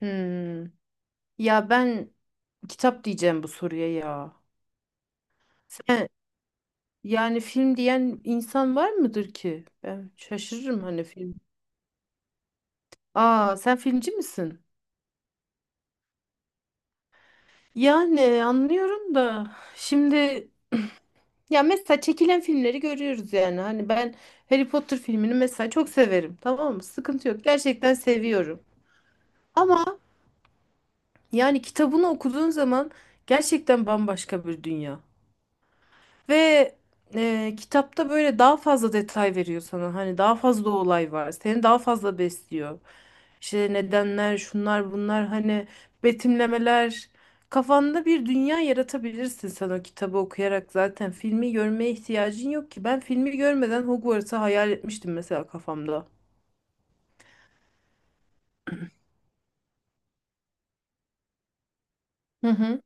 Hmm. Ya ben kitap diyeceğim bu soruya ya. Sen yani film diyen insan var mıdır ki? Ben şaşırırım hani film. Aa sen filmci misin? Yani anlıyorum da şimdi ya mesela çekilen filmleri görüyoruz yani. Hani ben Harry Potter filmini mesela çok severim. Tamam mı? Sıkıntı yok. Gerçekten seviyorum. Ama yani kitabını okuduğun zaman gerçekten bambaşka bir dünya. Ve kitapta böyle daha fazla detay veriyor sana. Hani daha fazla olay var. Seni daha fazla besliyor. İşte nedenler, şunlar, bunlar hani betimlemeler. Kafanda bir dünya yaratabilirsin sen o kitabı okuyarak zaten. Filmi görmeye ihtiyacın yok ki. Ben filmi görmeden Hogwarts'ı hayal etmiştim mesela kafamda. Hı hı.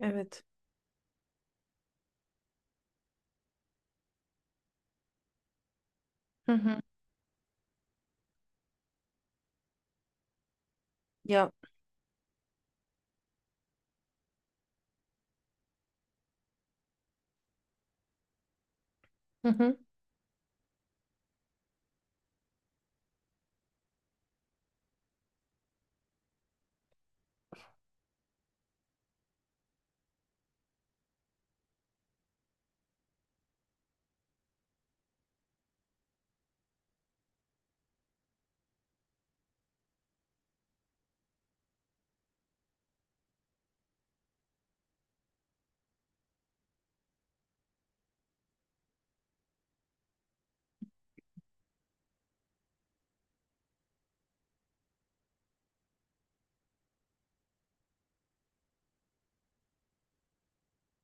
Evet. Hı hı. Ya. Hı hı.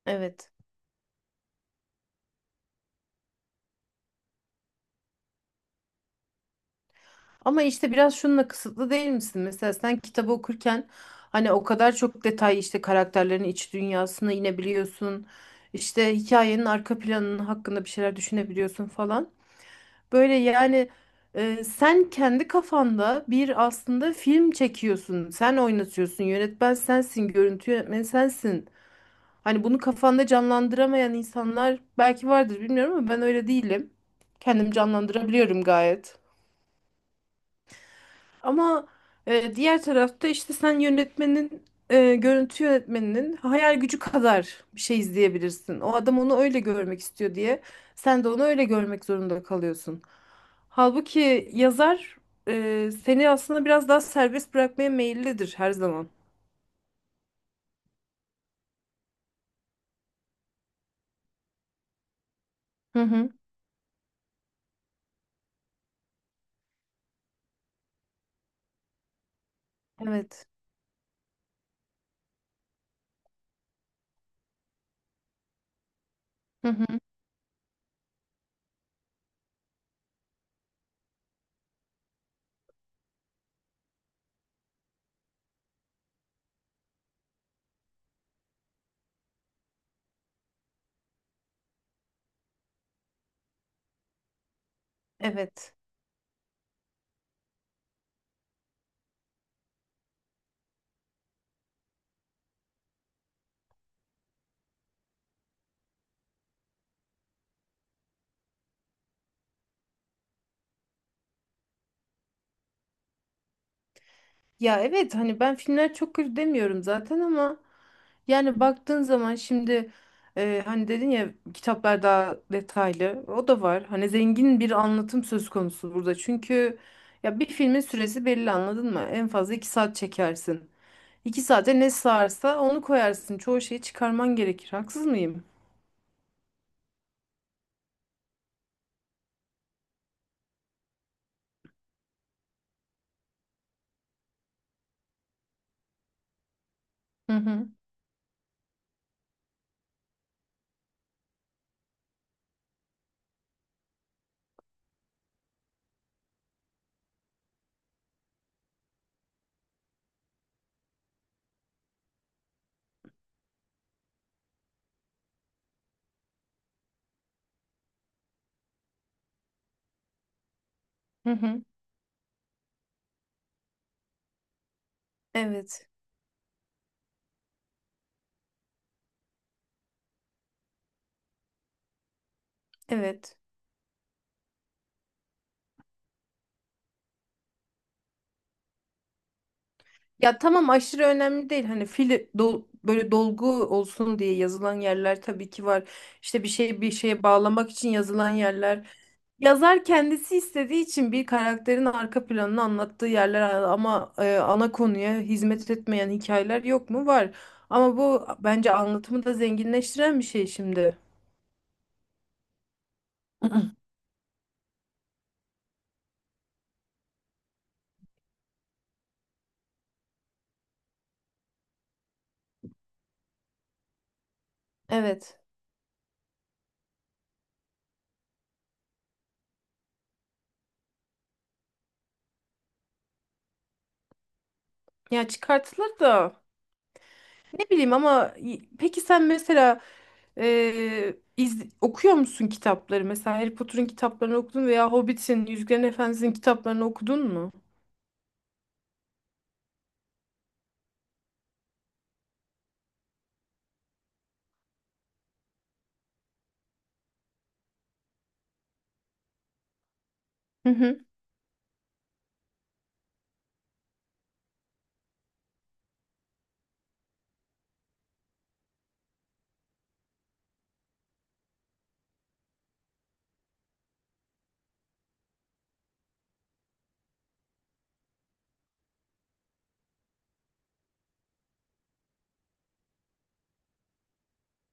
Evet. Ama işte biraz şununla kısıtlı değil misin? Mesela sen kitabı okurken hani o kadar çok detay işte karakterlerin iç dünyasına inebiliyorsun. İşte hikayenin arka planının hakkında bir şeyler düşünebiliyorsun falan. Böyle yani sen kendi kafanda bir aslında film çekiyorsun. Sen oynatıyorsun. Yönetmen sensin, görüntü yönetmeni sensin. Hani bunu kafanda canlandıramayan insanlar belki vardır bilmiyorum ama ben öyle değilim. Kendim canlandırabiliyorum gayet. Ama diğer tarafta işte sen yönetmenin görüntü yönetmeninin hayal gücü kadar bir şey izleyebilirsin. O adam onu öyle görmek istiyor diye sen de onu öyle görmek zorunda kalıyorsun. Halbuki yazar seni aslında biraz daha serbest bırakmaya meyillidir her zaman. Hı hı. Evet. Hı hı. Evet. Ya evet hani ben filmler çok kötü demiyorum zaten ama yani baktığın zaman şimdi hani dedin ya kitaplar daha detaylı o da var. Hani zengin bir anlatım söz konusu burada çünkü ya bir filmin süresi belli anladın mı? En fazla iki saat çekersin. İki saate ne sığarsa onu koyarsın. Çoğu şeyi çıkarman gerekir. Haksız mıyım? Hı hı. Hı hı. Evet. Evet. Ya tamam aşırı önemli değil. Böyle dolgu olsun diye yazılan yerler tabii ki var. İşte bir şey bir şeye bağlamak için yazılan yerler. Yazar kendisi istediği için bir karakterin arka planını anlattığı yerler ama ana konuya hizmet etmeyen hikayeler yok mu? Var. Ama bu bence anlatımı da zenginleştiren bir şey şimdi. Evet. Ya çıkartılır da ne bileyim ama peki sen mesela okuyor musun kitapları? Mesela Harry Potter'ın kitaplarını okudun veya Hobbit'in, Yüzüklerin Efendisi'nin kitaplarını okudun mu? Hı hı,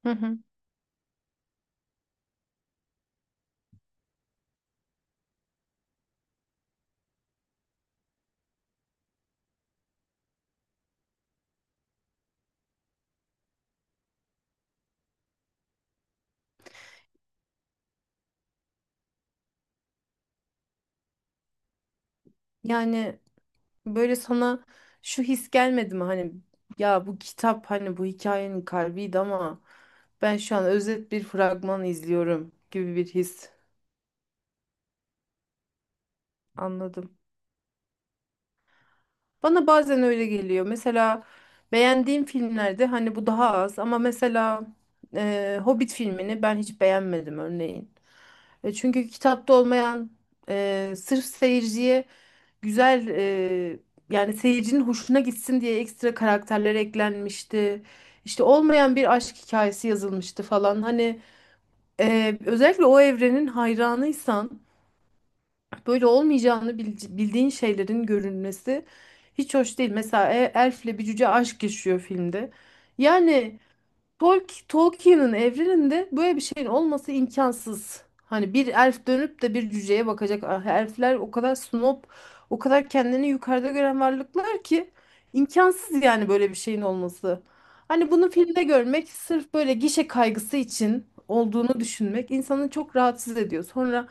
hı hı. Yani böyle sana şu his gelmedi mi? Hani ya bu kitap hani bu hikayenin kalbiydi ama ben şu an özet bir fragman izliyorum gibi bir his. Anladım. Bana bazen öyle geliyor. Mesela beğendiğim filmlerde hani bu daha az ama mesela Hobbit filmini ben hiç beğenmedim örneğin. Çünkü kitapta olmayan sırf seyirciye güzel e, yani seyircinin hoşuna gitsin diye ekstra karakterler eklenmişti. İşte olmayan bir aşk hikayesi yazılmıştı falan. Hani özellikle o evrenin hayranıysan böyle olmayacağını bildiğin şeylerin görünmesi hiç hoş değil. Mesela elfle bir cüce aşk yaşıyor filmde. Yani Tolkien'in evreninde böyle bir şeyin olması imkansız. Hani bir elf dönüp de bir cüceye bakacak. Ah, elfler o kadar snob, o kadar kendini yukarıda gören varlıklar ki imkansız yani böyle bir şeyin olması. Hani bunu filmde görmek sırf böyle gişe kaygısı için olduğunu düşünmek insanı çok rahatsız ediyor. Sonra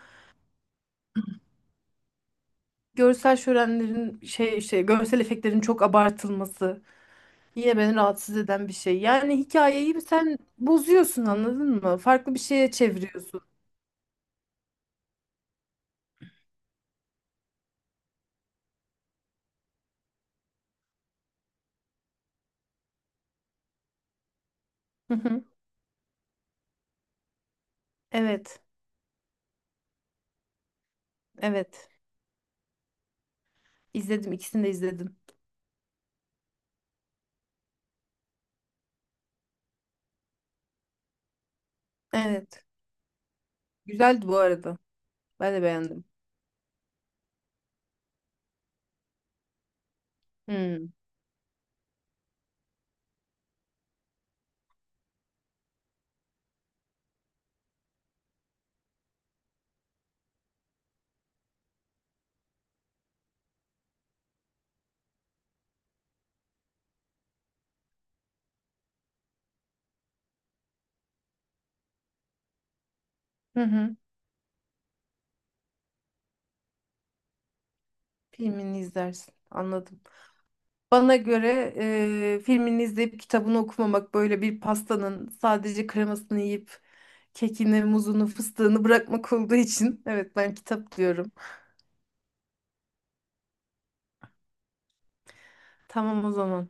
görsel şölenlerin şey işte görsel efektlerin çok abartılması yine beni rahatsız eden bir şey. Yani hikayeyi sen bozuyorsun anladın mı? Farklı bir şeye çeviriyorsun. Hı hı. Evet. Evet. İzledim. İkisini de izledim. Evet. Güzeldi bu arada. Ben de beğendim. Hmm. Hı hı. Filmini izlersin. Anladım. Bana göre filmini izleyip kitabını okumamak böyle bir pastanın sadece kremasını yiyip kekini, muzunu, fıstığını bırakmak olduğu için evet ben kitap diyorum. Tamam o zaman.